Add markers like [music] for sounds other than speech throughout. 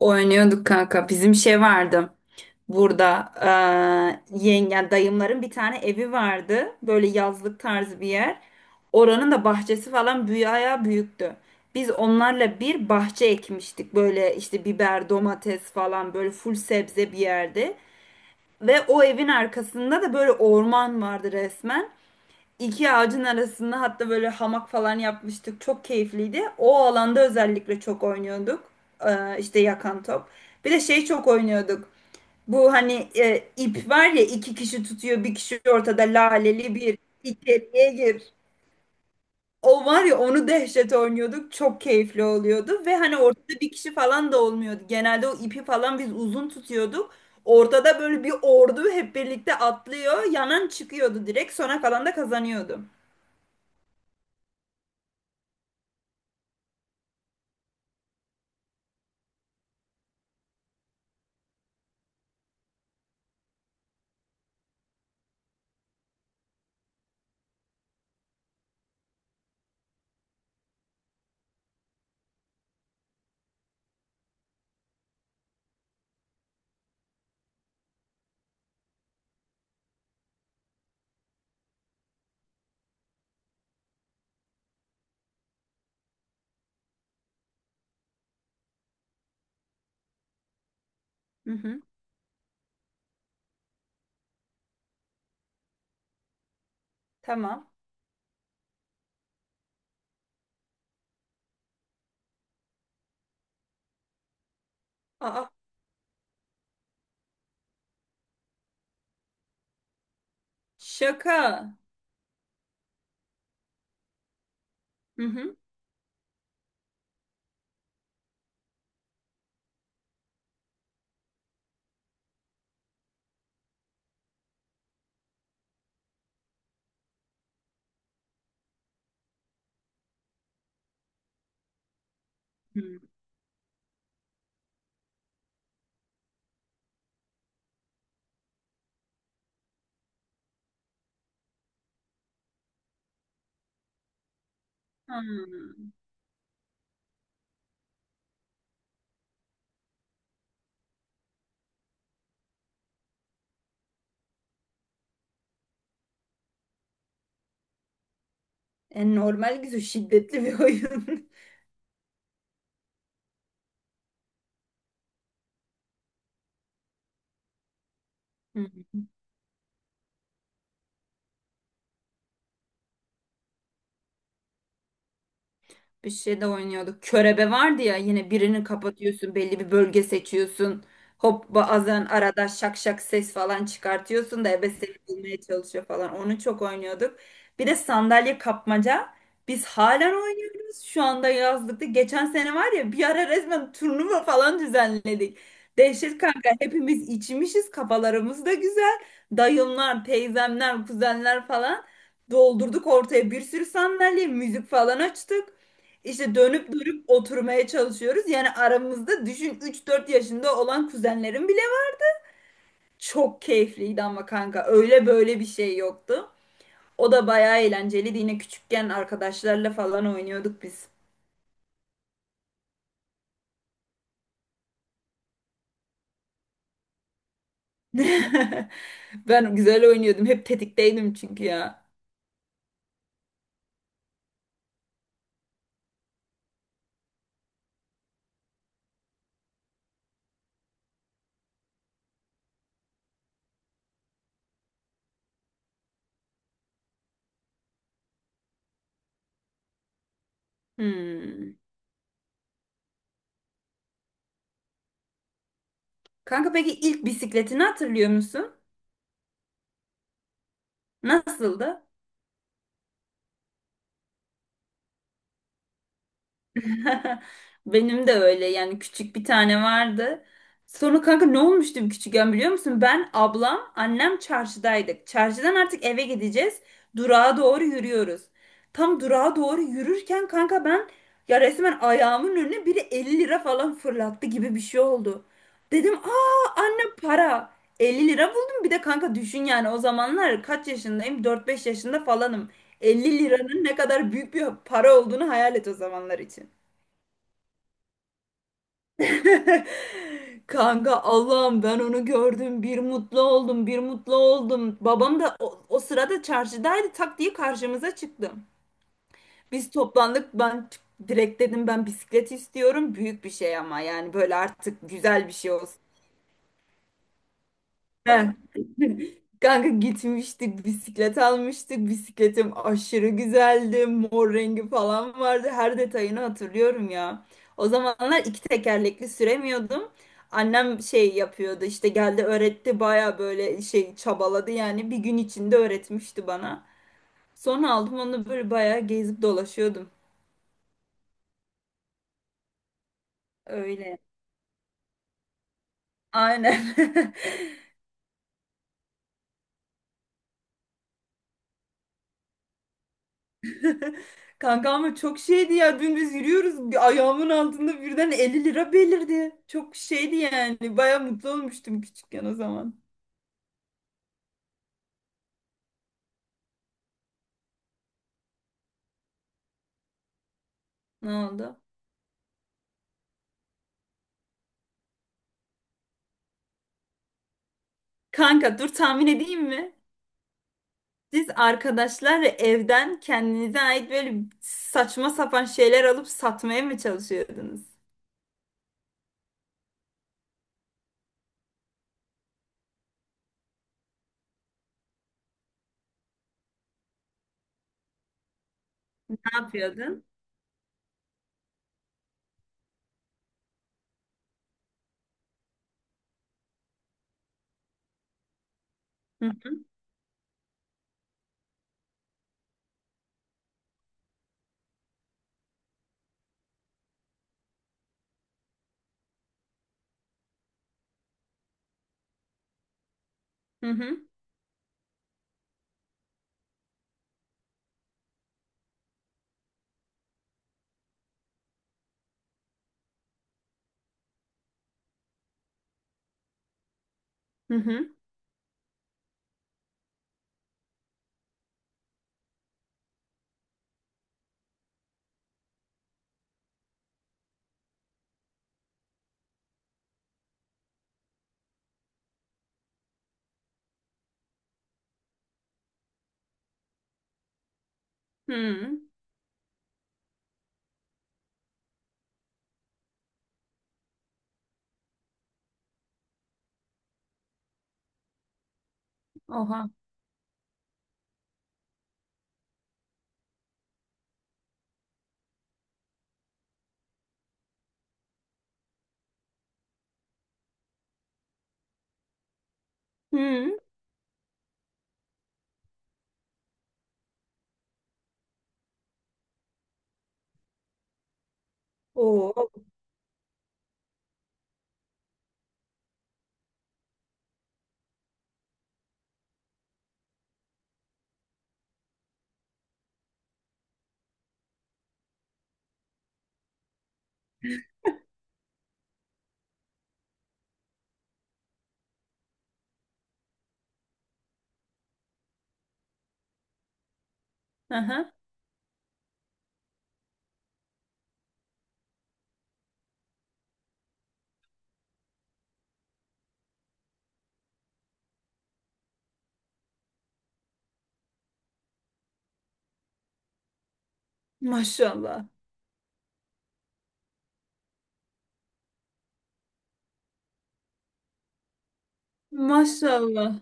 Oynuyorduk kanka. Bizim şey vardı. Burada yengen dayımların bir tane evi vardı. Böyle yazlık tarzı bir yer. Oranın da bahçesi falan büyüktü. Biz onlarla bir bahçe ekmiştik. Böyle işte biber, domates falan böyle full sebze bir yerde. Ve o evin arkasında da böyle orman vardı resmen. İki ağacın arasında hatta böyle hamak falan yapmıştık. Çok keyifliydi. O alanda özellikle çok oynuyorduk. İşte yakan top. Bir de şey çok oynuyorduk. Bu hani ip var ya, iki kişi tutuyor, bir kişi ortada laleli bir içeriye gir. O var ya, onu dehşet oynuyorduk. Çok keyifli oluyordu ve hani ortada bir kişi falan da olmuyordu. Genelde o ipi falan biz uzun tutuyorduk. Ortada böyle bir ordu hep birlikte atlıyor. Yanan çıkıyordu direkt. Sona kalan da kazanıyordu. Hı hı. Tamam. Aa, şaka. Hı hı. Hmm. Hmm. E, normal güzel şiddetli bir oyun. [laughs] Hı. Bir şey de oynuyorduk. Körebe vardı ya, yine birini kapatıyorsun, belli bir bölge seçiyorsun. Hop, bazen arada şak şak ses falan çıkartıyorsun da ebe seni bulmaya çalışıyor falan. Onu çok oynuyorduk. Bir de sandalye kapmaca. Biz halen oynuyoruz. Şu anda yazlıkta. Geçen sene var ya, bir ara resmen turnuva falan düzenledik. Dehşet kanka, hepimiz içmişiz, kafalarımız da güzel. Dayımlar, teyzemler, kuzenler falan doldurduk ortaya bir sürü sandalye, müzik falan açtık. İşte dönüp dönüp oturmaya çalışıyoruz. Yani aramızda düşün, üç dört yaşında olan kuzenlerim bile var. Çok keyifliydi ama kanka öyle böyle bir şey yoktu. O da bayağı eğlenceliydi. Yine küçükken arkadaşlarla falan oynuyorduk biz. [laughs] Ben güzel oynuyordum. Hep tetikteydim çünkü ya. Hmm. Kanka, peki ilk bisikletini hatırlıyor musun? Nasıldı? [laughs] Benim de öyle yani, küçük bir tane vardı. Sonra kanka ne olmuştu küçükken biliyor musun? Ben, ablam, annem çarşıdaydık. Çarşıdan artık eve gideceğiz. Durağa doğru yürüyoruz. Tam durağa doğru yürürken kanka ben ya resmen ayağımın önüne biri 50 lira falan fırlattı gibi bir şey oldu. Dedim aa anne, para. 50 lira buldum, bir de kanka düşün yani o zamanlar kaç yaşındayım? 4-5 yaşında falanım. 50 liranın ne kadar büyük bir para olduğunu hayal et o zamanlar için. [laughs] Kanka Allah'ım, ben onu gördüm. Bir mutlu oldum, bir mutlu oldum. Babam da o sırada çarşıdaydı. Tak diye karşımıza çıktı. Biz toplandık. Direkt dedim ben bisiklet istiyorum. Büyük bir şey, ama yani böyle artık güzel bir şey olsun. Ben. [laughs] Kanka gitmiştik, bisiklet almıştık. Bisikletim aşırı güzeldi. Mor rengi falan vardı. Her detayını hatırlıyorum ya. O zamanlar iki tekerlekli süremiyordum. Annem şey yapıyordu, işte geldi öğretti, baya böyle şey çabaladı yani, bir gün içinde öğretmişti bana. Sonra aldım onu, böyle baya gezip dolaşıyordum. Öyle. Aynen. [laughs] [laughs] Kanka ama çok şeydi ya, dün biz yürüyoruz, bir ayağımın altında birden 50 lira belirdi. Çok şeydi yani, baya mutlu olmuştum küçükken o zaman. Ne oldu? Kanka dur, tahmin edeyim mi? Siz arkadaşlarla evden kendinize ait böyle saçma sapan şeyler alıp satmaya mı çalışıyordunuz? Ne yapıyordun? Hı hı hı hı hı. Hı. Oha. Hı. Oo. Aha. Maşallah. Maşallah.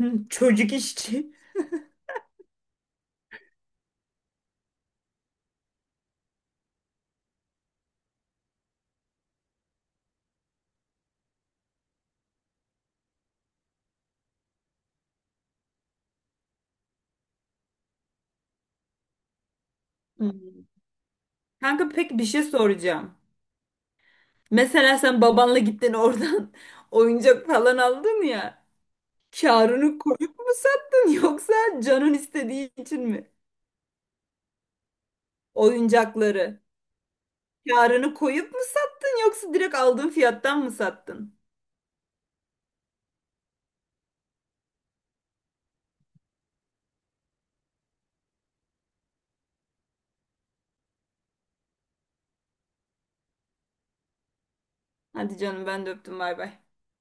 Hı, çocuk işçi. Hı. Kanka peki, bir şey soracağım. Mesela sen babanla gittin oradan [laughs] oyuncak falan aldın ya. Karını koyup mu sattın [laughs] yoksa canın istediği için mi? Oyuncakları. Karını koyup mu sattın yoksa direkt aldığın fiyattan mı sattın? Hadi canım, ben de öptüm, bay bay.